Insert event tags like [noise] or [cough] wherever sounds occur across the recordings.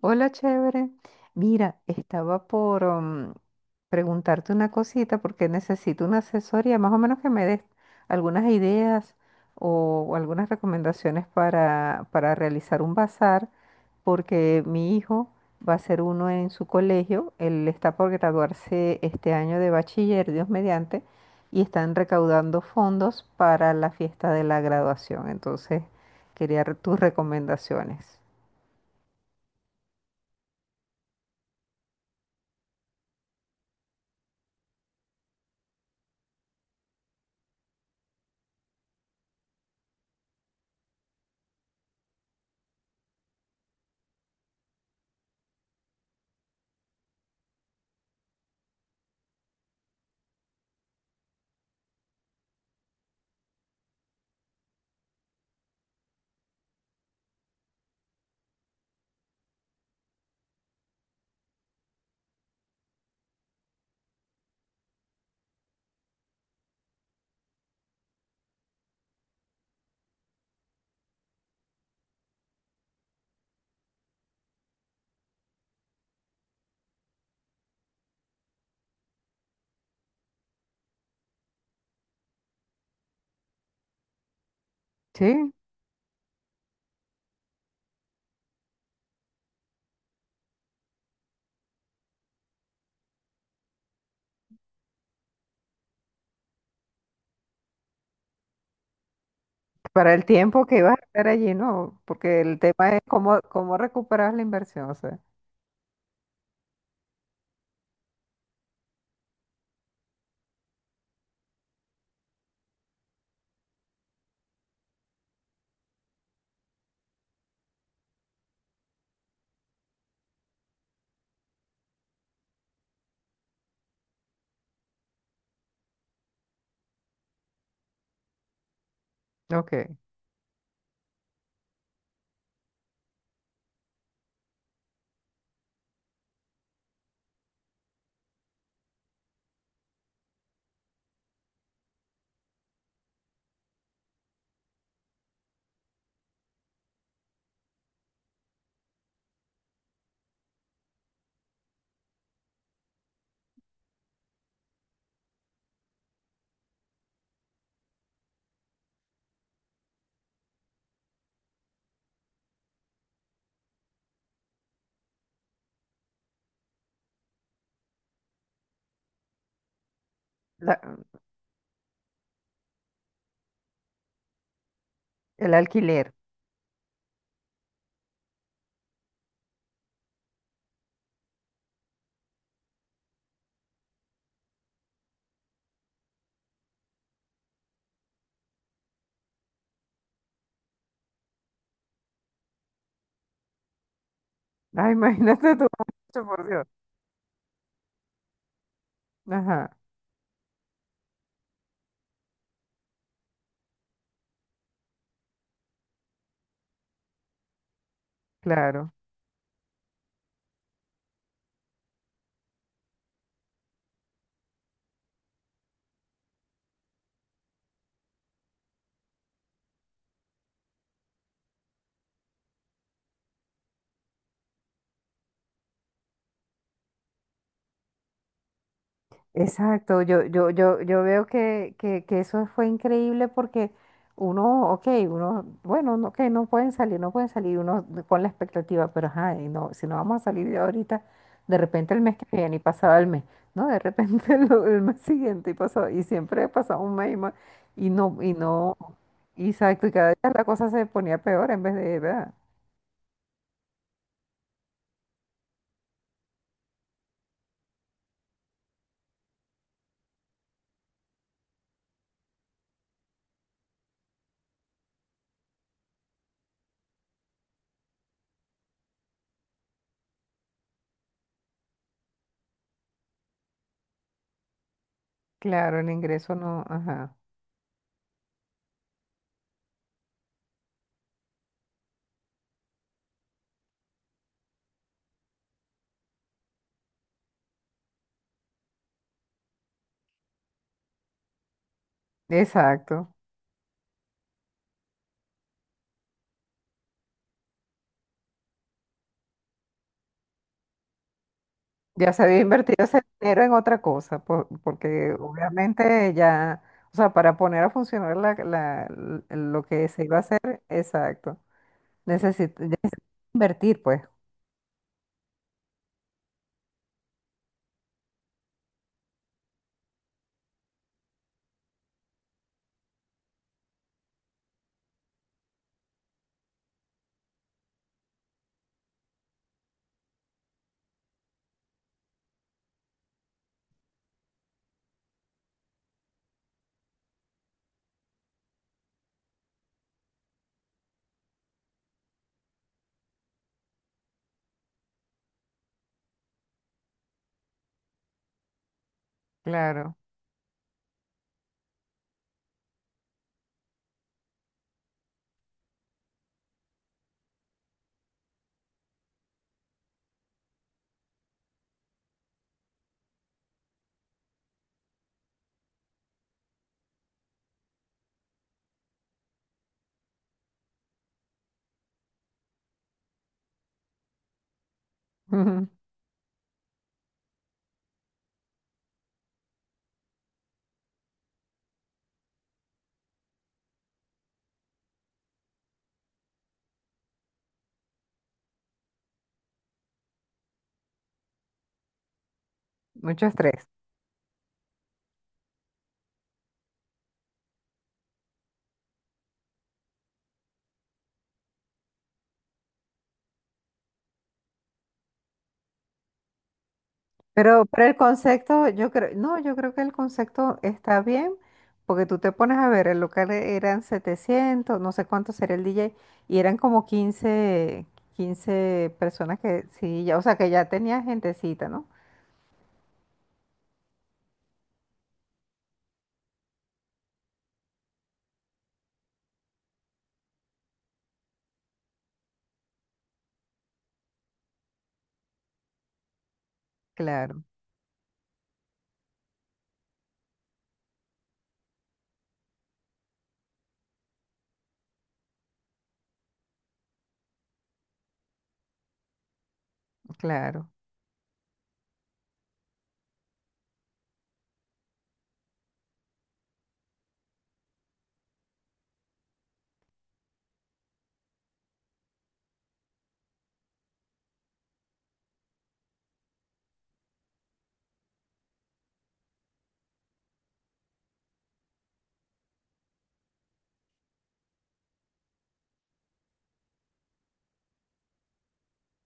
Hola, chévere. Mira, estaba por preguntarte una cosita porque necesito una asesoría, más o menos que me des algunas ideas o algunas recomendaciones para realizar un bazar, porque mi hijo va a hacer uno en su colegio, él está por graduarse este año de bachiller, Dios mediante, y están recaudando fondos para la fiesta de la graduación. Entonces, quería tus recomendaciones. Sí. Para el tiempo que ibas a estar allí, ¿no? Porque el tema es cómo, cómo recuperar la inversión, o sea. Ok. La- el alquiler. Ay, imagínate tú, [laughs] mucho, por Dios. Ajá, claro. Exacto, yo veo que eso fue increíble porque uno, ok, uno, bueno, no, que no pueden salir, no pueden salir, uno con la expectativa, pero ajá, y no, si no vamos a salir de ahorita, de repente el mes que viene y pasaba el mes, ¿no? De repente [laughs] el mes siguiente y pasaba, y siempre pasaba un mes y más, y no, exacto, y cada día la cosa se ponía peor en vez de, ¿verdad? Claro, el ingreso no, ajá, exacto. Ya se había invertido ese dinero en otra cosa, porque obviamente ya, o sea, para poner a funcionar lo que se iba a hacer, exacto, necesito ya es invertir, pues, claro, ujú, mucho estrés. Pero el concepto, yo creo, no, yo creo que el concepto está bien, porque tú te pones a ver, el local eran 700 no sé cuánto sería el DJ, y eran como quince personas que sí, ya, o sea, que ya tenía gentecita, ¿no? Claro. Claro,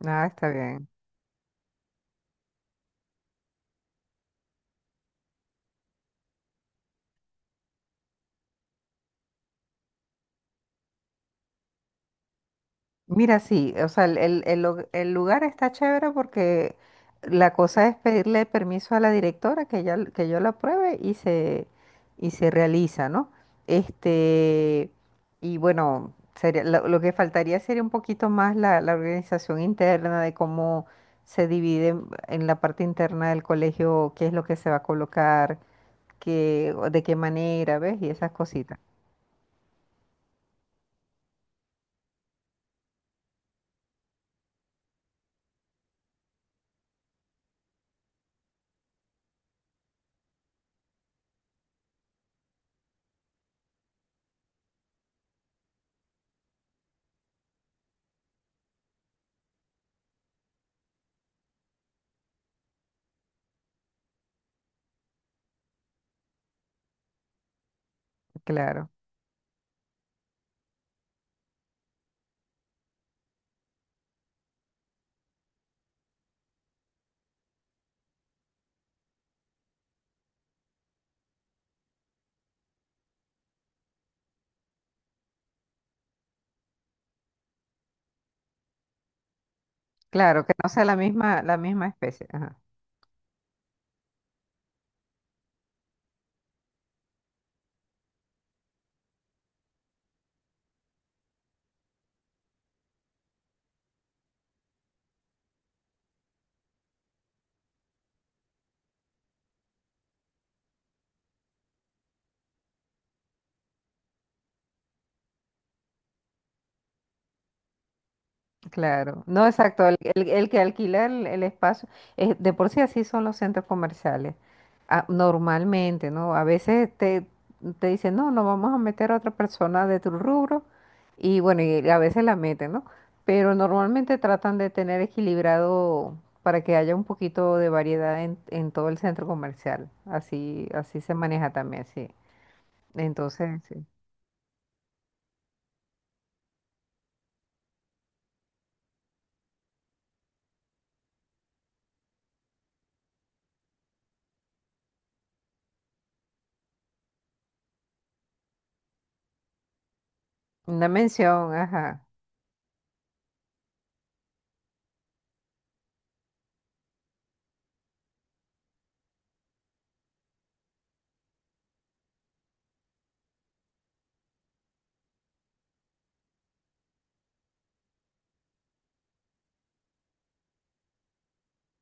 nada, está bien. Mira, sí, o sea, el lugar está chévere porque la cosa es pedirle permiso a la directora que ella, que yo la apruebe y se realiza, ¿no? Este, y bueno, sería, lo que faltaría sería un poquito más la organización interna de cómo se divide en la parte interna del colegio, qué es lo que se va a colocar, qué, de qué manera, ¿ves? Y esas cositas. Claro. Claro, que no sea la misma especie. Ajá, claro. No, exacto. El que alquila el espacio, de por sí así son los centros comerciales. Ah, normalmente, ¿no? A veces te dicen, no, no vamos a meter a otra persona de tu rubro. Y bueno, y a veces la meten, ¿no? Pero normalmente tratan de tener equilibrado para que haya un poquito de variedad en todo el centro comercial. Así, así se maneja también, sí. Entonces, sí. Una mención, ajá,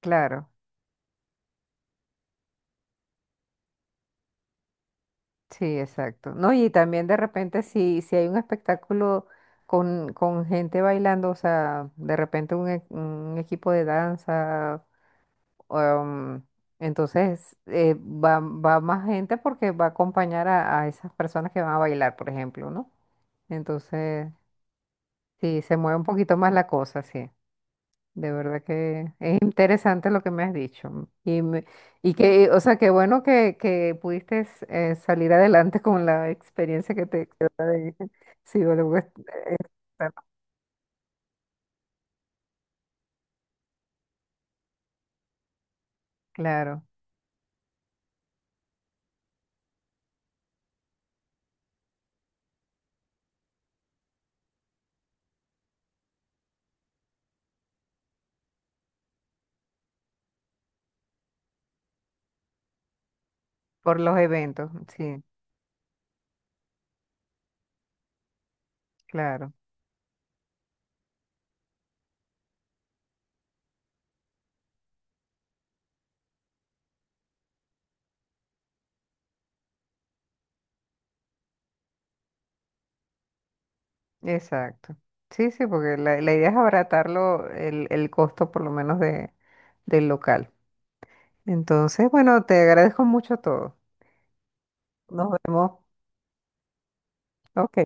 claro. Sí, exacto. No, y también de repente si hay un espectáculo con gente bailando, o sea, de repente un, un equipo de danza, um, entonces va, va más gente porque va a acompañar a esas personas que van a bailar, por ejemplo, ¿no? Entonces, sí, se mueve un poquito más la cosa, sí. De verdad que es interesante lo que me has dicho. Y, y que, o sea, qué bueno que pudiste salir adelante con la experiencia que te quedó de [laughs] psicólogo. Es- bueno, claro, por los eventos, sí, claro, exacto. Sí, sí, porque la idea es abaratarlo el costo por lo menos de, del local. Entonces, bueno, te agradezco mucho todo. Nos vemos. Ok.